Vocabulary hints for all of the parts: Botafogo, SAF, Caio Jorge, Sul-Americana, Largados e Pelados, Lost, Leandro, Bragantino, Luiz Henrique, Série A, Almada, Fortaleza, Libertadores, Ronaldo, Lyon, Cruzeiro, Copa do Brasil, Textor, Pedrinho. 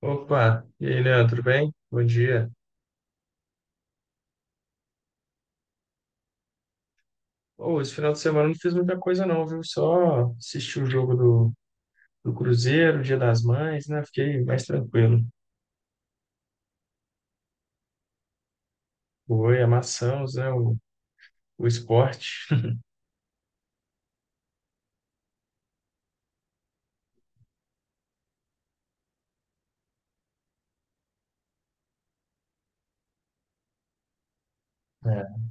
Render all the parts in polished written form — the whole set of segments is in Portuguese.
Opa, e aí, Leandro, tudo bem? Bom dia. Ô, esse final de semana eu não fiz muita coisa não, viu? Só assisti o jogo do Cruzeiro, Dia das Mães, né? Fiquei mais tranquilo. Oi, amassamos, né? O esporte. É.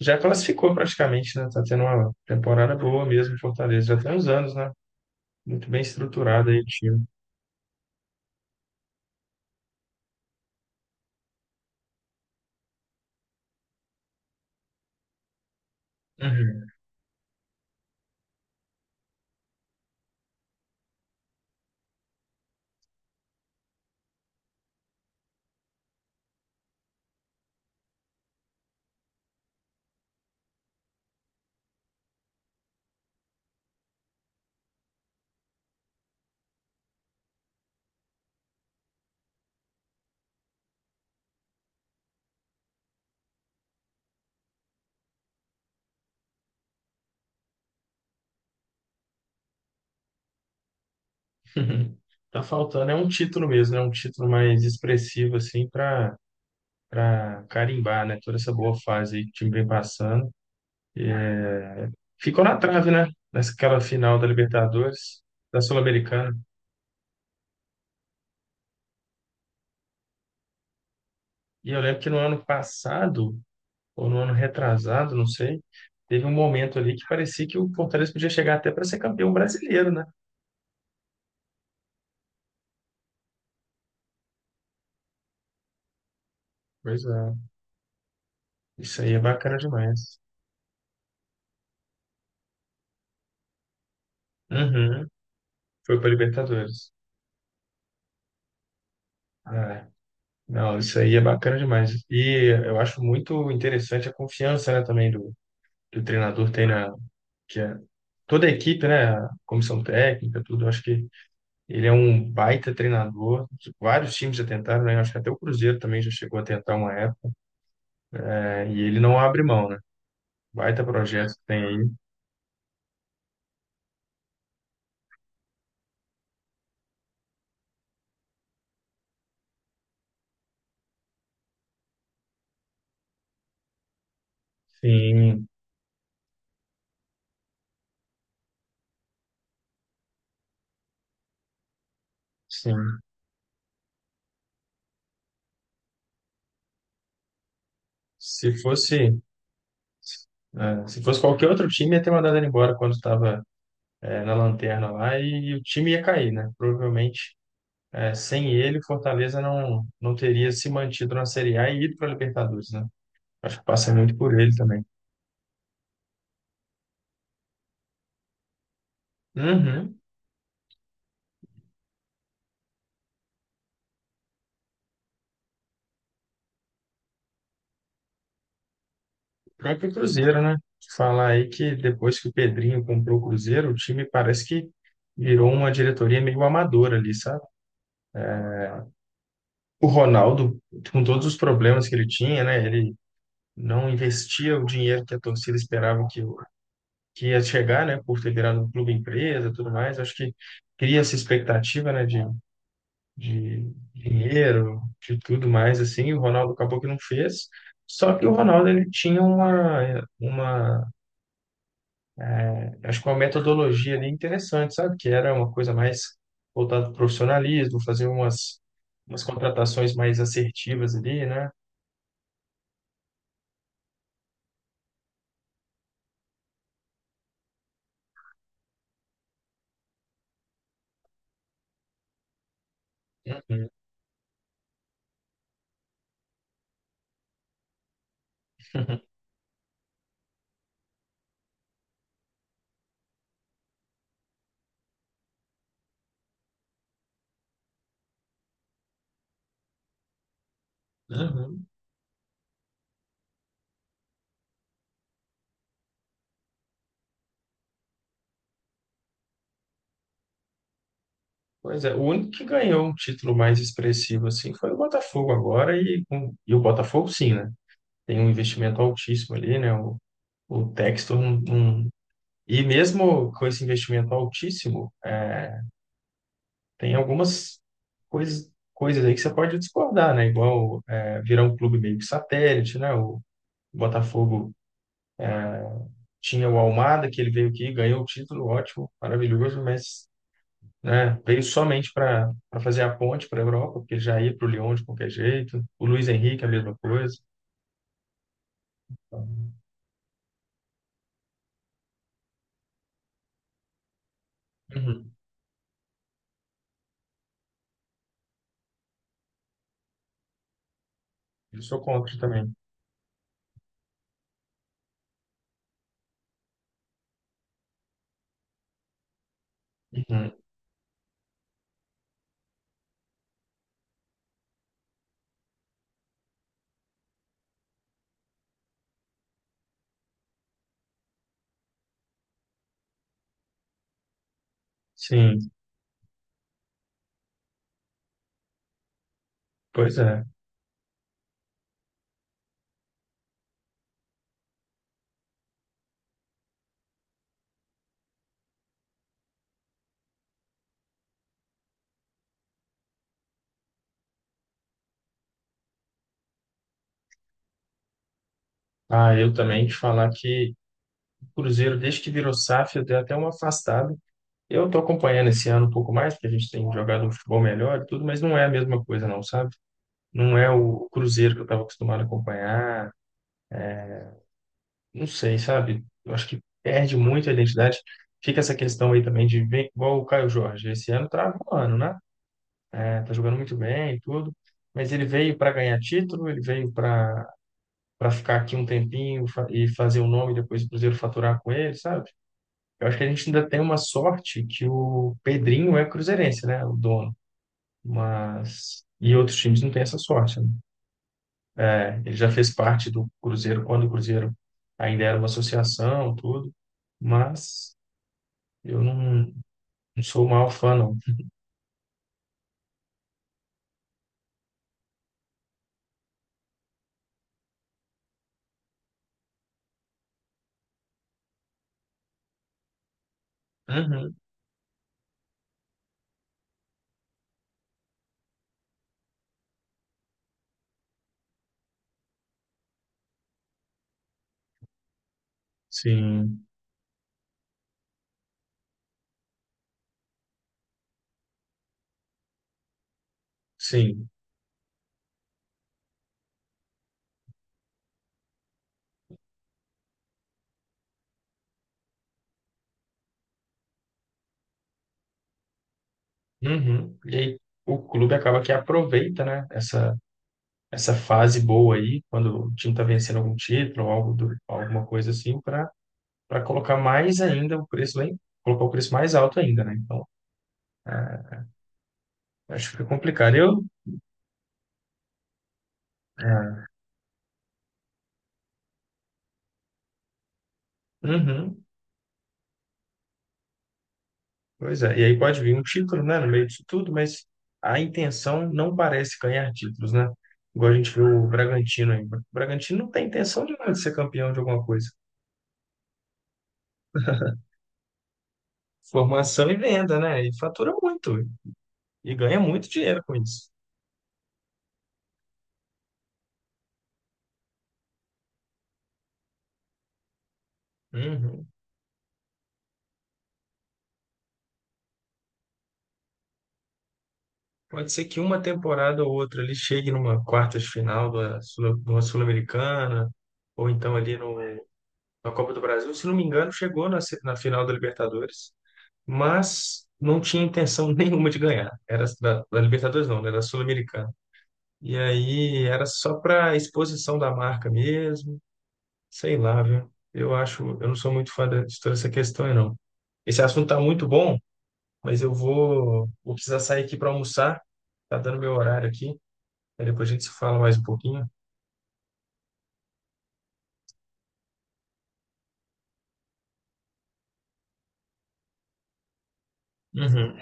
Já classificou praticamente, né? Tá tendo uma temporada boa mesmo em Fortaleza. Já tem uns anos, né? Muito bem estruturado aí o time. Uhum. Tá faltando, é um título mesmo, é um título mais expressivo, assim, para carimbar, né? Toda essa boa fase aí que o time vem passando. Ficou na trave, né? Naquela final da Libertadores, da Sul-Americana. E eu lembro que no ano passado, ou no ano retrasado, não sei, teve um momento ali que parecia que o Fortaleza podia chegar até para ser campeão brasileiro, né? Pois é. Isso aí é bacana demais. Uhum. Foi para Libertadores. É. Não, isso aí é bacana demais. E eu acho muito interessante a confiança, né, também que o treinador tem na, que é toda a equipe, né, a comissão técnica, tudo. Eu acho que ele é um baita treinador. Vários times já tentaram, né? Acho que até o Cruzeiro também já chegou a tentar uma época, né? E ele não abre mão, né? Baita projeto que tem aí. Sim, sim. Se fosse, é, se fosse qualquer outro time, ia ter mandado ele embora quando estava, é, na lanterna lá e, o time ia cair, né? Provavelmente, é, sem ele, o Fortaleza não teria se mantido na Série A e ido para a Libertadores, né? Acho que passa muito por ele também. Uhum. O próprio Cruzeiro, né? Falar aí que depois que o Pedrinho comprou o Cruzeiro, o time parece que virou uma diretoria meio amadora ali, sabe? O Ronaldo, com todos os problemas que ele tinha, né? Ele não investia o dinheiro que a torcida esperava que ia chegar, né? Por ter virado um clube empresa, e tudo mais. Acho que cria essa expectativa, né? De dinheiro, de tudo mais assim. O Ronaldo acabou que não fez. Só que o Ronaldo ele tinha uma acho que uma metodologia ali interessante, sabe? Que era uma coisa mais voltada para o profissionalismo, fazer umas contratações mais assertivas ali, né? Uhum. Uhum. Pois é, o único que ganhou um título mais expressivo assim foi o Botafogo agora e o Botafogo sim, né? Tem um investimento altíssimo ali, né? O Textor não, não- e mesmo com esse investimento altíssimo, é, tem algumas coisas aí que você pode discordar, né? Igual é, virar um clube meio que satélite, né? O Botafogo tinha o Almada, que ele veio aqui, ganhou o título, ótimo, maravilhoso, mas né, veio somente para fazer a ponte para a Europa, porque ele já ia para o Lyon de qualquer jeito. O Luiz Henrique, a mesma coisa. Então, uhum, eu sou contra também. Uhum, sim, pois é. Ah, eu também te falar que o Cruzeiro, desde que virou SAF, eu dei até uma afastada. Eu tô acompanhando esse ano um pouco mais, porque a gente tem jogado um futebol melhor e tudo, mas não é a mesma coisa, não, sabe? Não é o Cruzeiro que eu estava acostumado a acompanhar. Não sei, sabe? Eu acho que perde muito a identidade. Fica essa questão aí também de ver, igual o Caio Jorge. Esse ano tá voando, né? É, tá jogando muito bem e tudo. Mas ele veio para ganhar título, ele veio para ficar aqui um tempinho e fazer o nome e depois o Cruzeiro faturar com ele, sabe? Eu acho que a gente ainda tem uma sorte que o Pedrinho é cruzeirense, né? O dono. Mas e outros times não têm essa sorte, né? É, ele já fez parte do Cruzeiro quando o Cruzeiro ainda era uma associação, tudo, mas eu não sou o maior fã, não. Uhum, sim, sim. Uhum. E aí o clube acaba que aproveita, né, essa fase boa aí, quando o time está vencendo algum título ou algo do, alguma coisa assim, para colocar mais ainda o preço lá, colocar o preço mais alto ainda, né? Então, é, acho que fica complicado. Eu, é, uhum. Pois é, e aí pode vir um título, né, no meio disso tudo, mas a intenção não parece ganhar títulos, né? Igual a gente viu o Bragantino aí. O Bragantino não tem intenção de nada de ser campeão de alguma coisa. Formação e venda, né? E fatura muito e ganha muito dinheiro com isso. Uhum. Pode ser que uma temporada ou outra ele chegue numa quarta de final de uma Sul-Americana, ou então ali no, na Copa do Brasil. Se não me engano, chegou na, se- na final da Libertadores. Mas não tinha intenção nenhuma de ganhar. Era da Libertadores, não, né? Da Sul-Americana. E aí era só para exposição da marca mesmo, sei lá, viu? Eu acho, eu não sou muito fã de toda essa questão, aí, não. Esse assunto tá muito bom, mas eu vou precisar sair aqui para almoçar. Tá dando meu horário aqui. Aí depois a gente se fala mais um pouquinho. Uhum.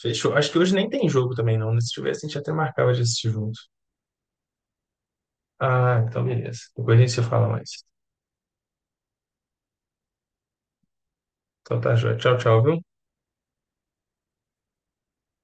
Fechou. Acho que hoje nem tem jogo também, não, né? Se tivesse, a gente até marcava de assistir junto. Ah, então beleza. Depois a gente se fala mais. Então tá, joia. Tchau, tchau, viu?